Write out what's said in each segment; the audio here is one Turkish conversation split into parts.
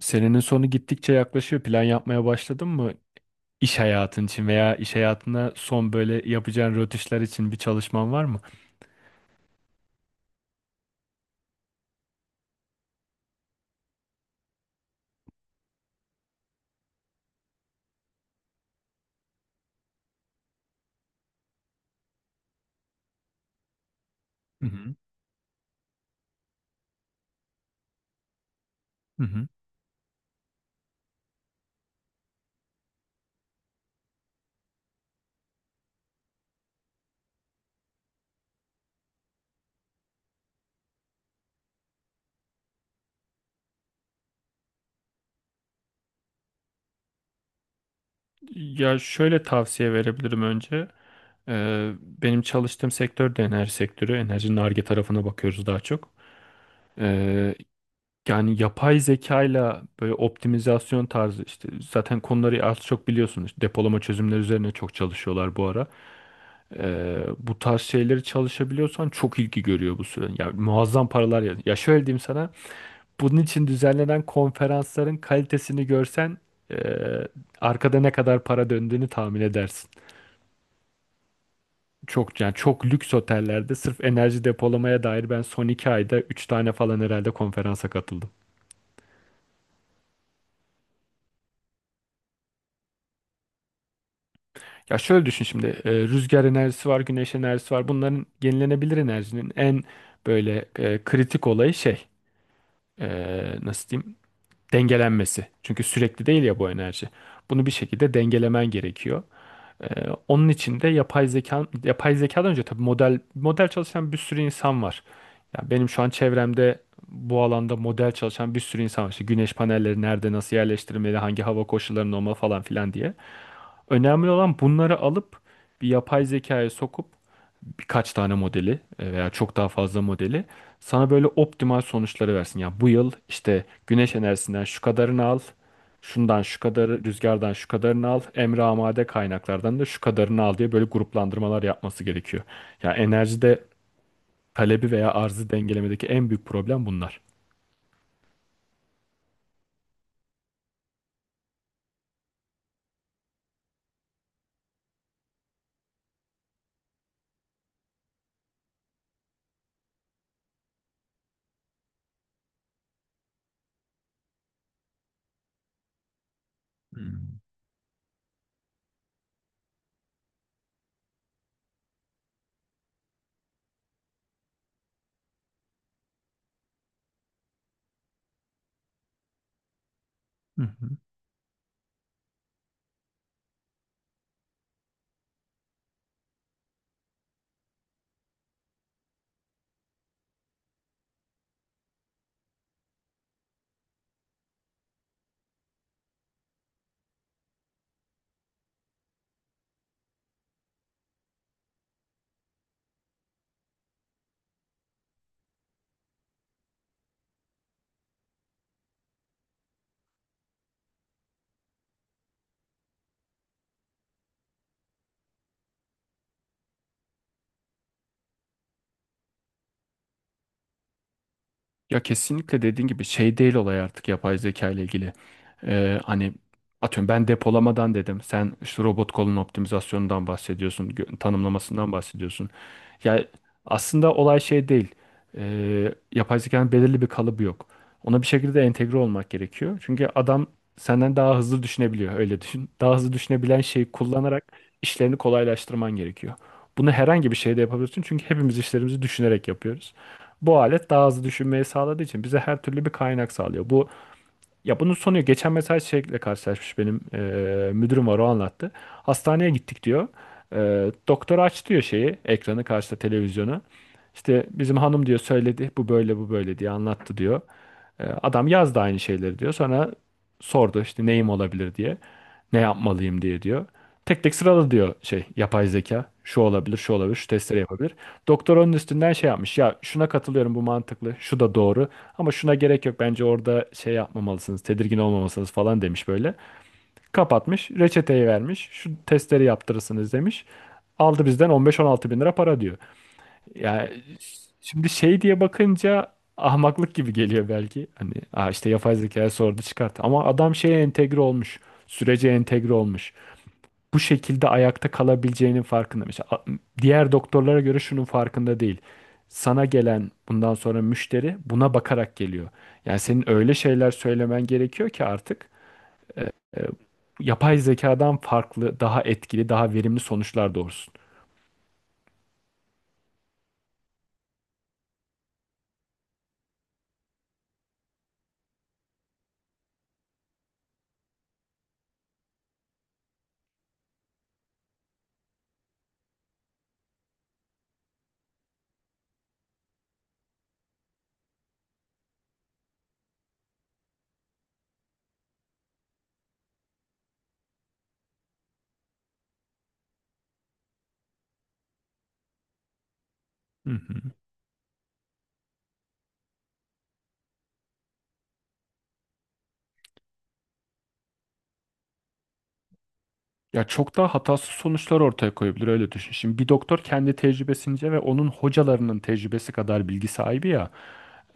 Senenin sonu gittikçe yaklaşıyor. Plan yapmaya başladın mı? İş hayatın için veya iş hayatına son böyle yapacağın rötuşlar için bir çalışman var mı? Hı hı. Hı hı. Ya şöyle tavsiye verebilirim önce. Benim çalıştığım sektör de enerji sektörü. Enerjinin Ar-Ge tarafına bakıyoruz daha çok. Ee, yani yapay zekayla böyle optimizasyon tarzı işte zaten konuları az çok biliyorsunuz. Depolama çözümleri üzerine çok çalışıyorlar bu ara. Bu tarz şeyleri çalışabiliyorsan çok ilgi görüyor bu süre. Ya muazzam paralar ya. Ya şöyle diyeyim sana. Bunun için düzenlenen konferansların kalitesini görsen ee, arkada ne kadar para döndüğünü tahmin edersin. Çok yani çok lüks otellerde sırf enerji depolamaya dair ben son 2 ayda 3 tane falan herhalde konferansa katıldım. Ya şöyle düşün şimdi, rüzgar enerjisi var, güneş enerjisi var. Bunların, yenilenebilir enerjinin en böyle kritik olayı, şey, e, nasıl diyeyim, dengelenmesi. Çünkü sürekli değil ya bu enerji. Bunu bir şekilde dengelemen gerekiyor. Onun için de yapay zeka, yapay zekadan önce tabii model model çalışan bir sürü insan var. Yani benim şu an çevremde bu alanda model çalışan bir sürü insan var. İşte güneş panelleri nerede, nasıl yerleştirilmeli, hangi hava koşullarında olmalı falan filan diye. Önemli olan bunları alıp bir yapay zekaya sokup birkaç tane modeli, veya çok daha fazla modeli sana böyle optimal sonuçları versin. Ya bu yıl işte güneş enerjisinden şu kadarını al, şundan şu kadarı, rüzgardan şu kadarını al, emre amade kaynaklardan da şu kadarını al diye böyle gruplandırmalar yapması gerekiyor. Ya enerjide talebi veya arzı dengelemedeki en büyük problem bunlar. Hmm. Hı hı. Ya kesinlikle dediğin gibi şey değil olay artık, yapay zeka ile ilgili. Hani atıyorum ben depolamadan dedim. Sen işte robot kolun optimizasyonundan bahsediyorsun, tanımlamasından bahsediyorsun. Ya aslında olay şey değil. Yapay zekanın belirli bir kalıbı yok. Ona bir şekilde entegre olmak gerekiyor. Çünkü adam senden daha hızlı düşünebiliyor. Öyle düşün. Daha hızlı düşünebilen şeyi kullanarak işlerini kolaylaştırman gerekiyor. Bunu herhangi bir şeyde yapabilirsin. Çünkü hepimiz işlerimizi düşünerek yapıyoruz. Bu alet daha hızlı düşünmeyi sağladığı için bize her türlü bir kaynak sağlıyor. Bu, ya bunun sonu, geçen mesela şeyle karşılaşmış benim müdürüm var, o anlattı. Hastaneye gittik diyor. Doktor aç diyor şeyi, ekranı karşıda, televizyonu. İşte bizim hanım diyor söyledi, bu böyle bu böyle diye anlattı diyor. Adam yazdı aynı şeyleri diyor. Sonra sordu işte neyim olabilir diye. Ne yapmalıyım diye diyor. Tek tek sırala diyor şey, yapay zeka. Şu olabilir, şu olabilir, şu testleri yapabilir. Doktor onun üstünden şey yapmış. Ya şuna katılıyorum, bu mantıklı, şu da doğru. Ama şuna gerek yok, bence orada şey yapmamalısınız, tedirgin olmamalısınız falan demiş böyle. Kapatmış, reçeteyi vermiş. Şu testleri yaptırırsınız demiş. Aldı bizden 15-16 bin lira para diyor. Yani şimdi şey diye bakınca ahmaklık gibi geliyor belki. Hani, "Aa, işte yapay zekaya sordu, çıkart." Ama adam şeye entegre olmuş. Sürece entegre olmuş, bu şekilde ayakta kalabileceğinin farkında. Mesela diğer doktorlara göre şunun farkında değil. Sana gelen bundan sonra müşteri buna bakarak geliyor. Yani senin öyle şeyler söylemen gerekiyor ki artık e, yapay zekadan farklı, daha etkili, daha verimli sonuçlar doğursun. Hı hı. Ya çok daha hatasız sonuçlar ortaya koyabilir, öyle düşün. Şimdi bir doktor kendi tecrübesince ve onun hocalarının tecrübesi kadar bilgi sahibi ya.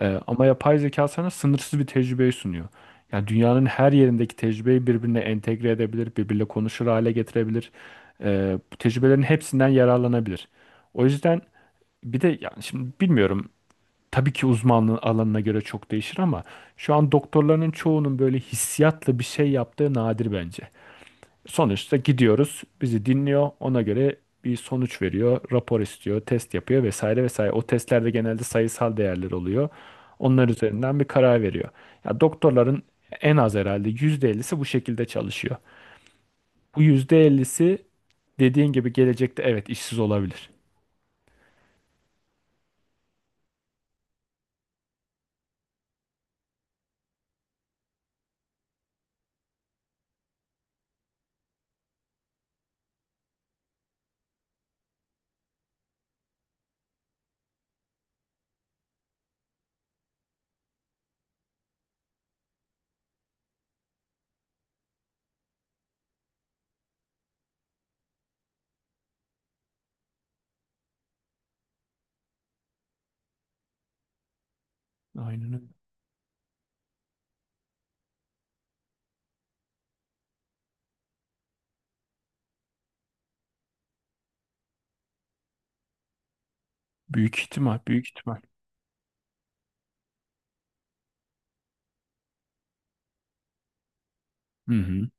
Ama yapay zeka sana sınırsız bir tecrübeyi sunuyor. Yani dünyanın her yerindeki tecrübeyi birbirine entegre edebilir, birbirle konuşur hale getirebilir. Bu tecrübelerin hepsinden yararlanabilir. O yüzden, bir de yani şimdi bilmiyorum, tabii ki uzmanlığın alanına göre çok değişir ama şu an doktorların çoğunun böyle hissiyatla bir şey yaptığı nadir bence. Sonuçta gidiyoruz. Bizi dinliyor. Ona göre bir sonuç veriyor. Rapor istiyor. Test yapıyor vesaire vesaire. O testlerde genelde sayısal değerler oluyor. Onlar üzerinden bir karar veriyor. Ya doktorların en az herhalde %50'si bu şekilde çalışıyor. Bu %50'si dediğin gibi gelecekte evet işsiz olabilir. Aynen öyle. Büyük ihtimal, büyük ihtimal. Hı hı.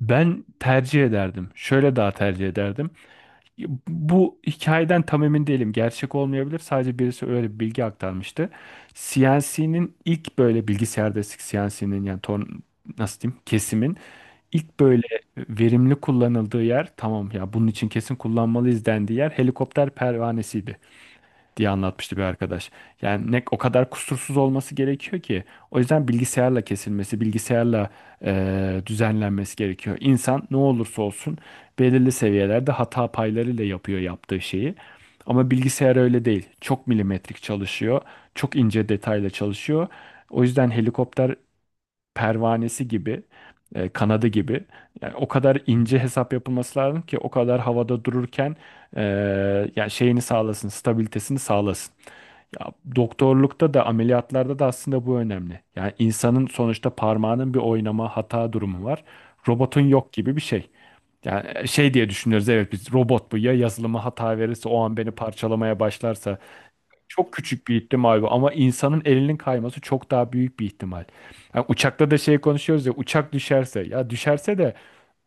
Ben tercih ederdim. Şöyle daha tercih ederdim. Bu hikayeden tam emin değilim. Gerçek olmayabilir. Sadece birisi öyle bir bilgi aktarmıştı. CNC'nin ilk böyle, bilgisayar destek CNC'nin yani, ton, nasıl diyeyim, kesimin ilk böyle verimli kullanıldığı yer, tamam ya bunun için kesin kullanmalıyız dendiği yer helikopter pervanesiydi diye anlatmıştı bir arkadaş. Yani ne o kadar kusursuz olması gerekiyor ki. O yüzden bilgisayarla kesilmesi, bilgisayarla düzenlenmesi gerekiyor. İnsan ne olursa olsun belirli seviyelerde hata paylarıyla yapıyor yaptığı şeyi. Ama bilgisayar öyle değil. Çok milimetrik çalışıyor, çok ince detayla çalışıyor. O yüzden helikopter pervanesi gibi, kanadı gibi, yani o kadar ince hesap yapılması lazım ki, o kadar havada dururken e, yani şeyini sağlasın, stabilitesini sağlasın. Ya doktorlukta da ameliyatlarda da aslında bu önemli. Yani insanın sonuçta parmağının bir oynama, hata durumu var. Robotun yok gibi bir şey. Yani şey diye düşünüyoruz, evet biz, robot bu ya, yazılıma hata verirse o an beni parçalamaya başlarsa, çok küçük bir ihtimal bu, ama insanın elinin kayması çok daha büyük bir ihtimal. Yani uçakta da şey konuşuyoruz ya, uçak düşerse, ya düşerse de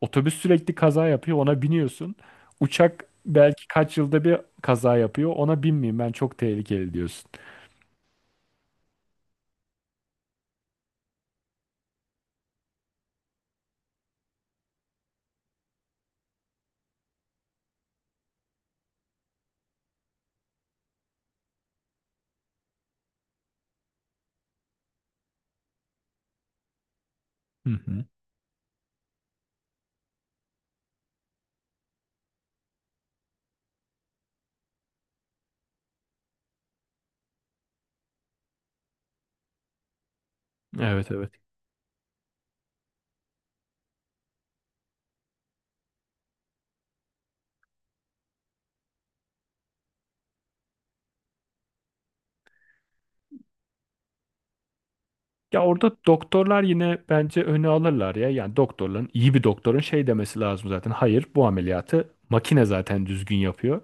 otobüs sürekli kaza yapıyor, ona biniyorsun. Uçak belki kaç yılda bir kaza yapıyor, ona binmeyeyim ben, çok tehlikeli diyorsun. Hı hı. Evet evet. Ya orada doktorlar yine bence öne alırlar ya. Yani doktorların, iyi bir doktorun şey demesi lazım zaten. Hayır, bu ameliyatı makine zaten düzgün yapıyor.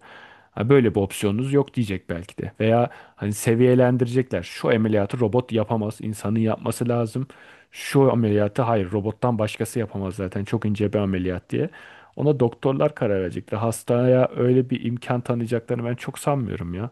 Ha, böyle bir opsiyonunuz yok diyecek belki de. Veya hani seviyelendirecekler. Şu ameliyatı robot yapamaz, insanın yapması lazım. Şu ameliyatı hayır robottan başkası yapamaz zaten, çok ince bir ameliyat diye. Ona doktorlar karar verecekler. Hastaya öyle bir imkan tanıyacaklarını ben çok sanmıyorum ya.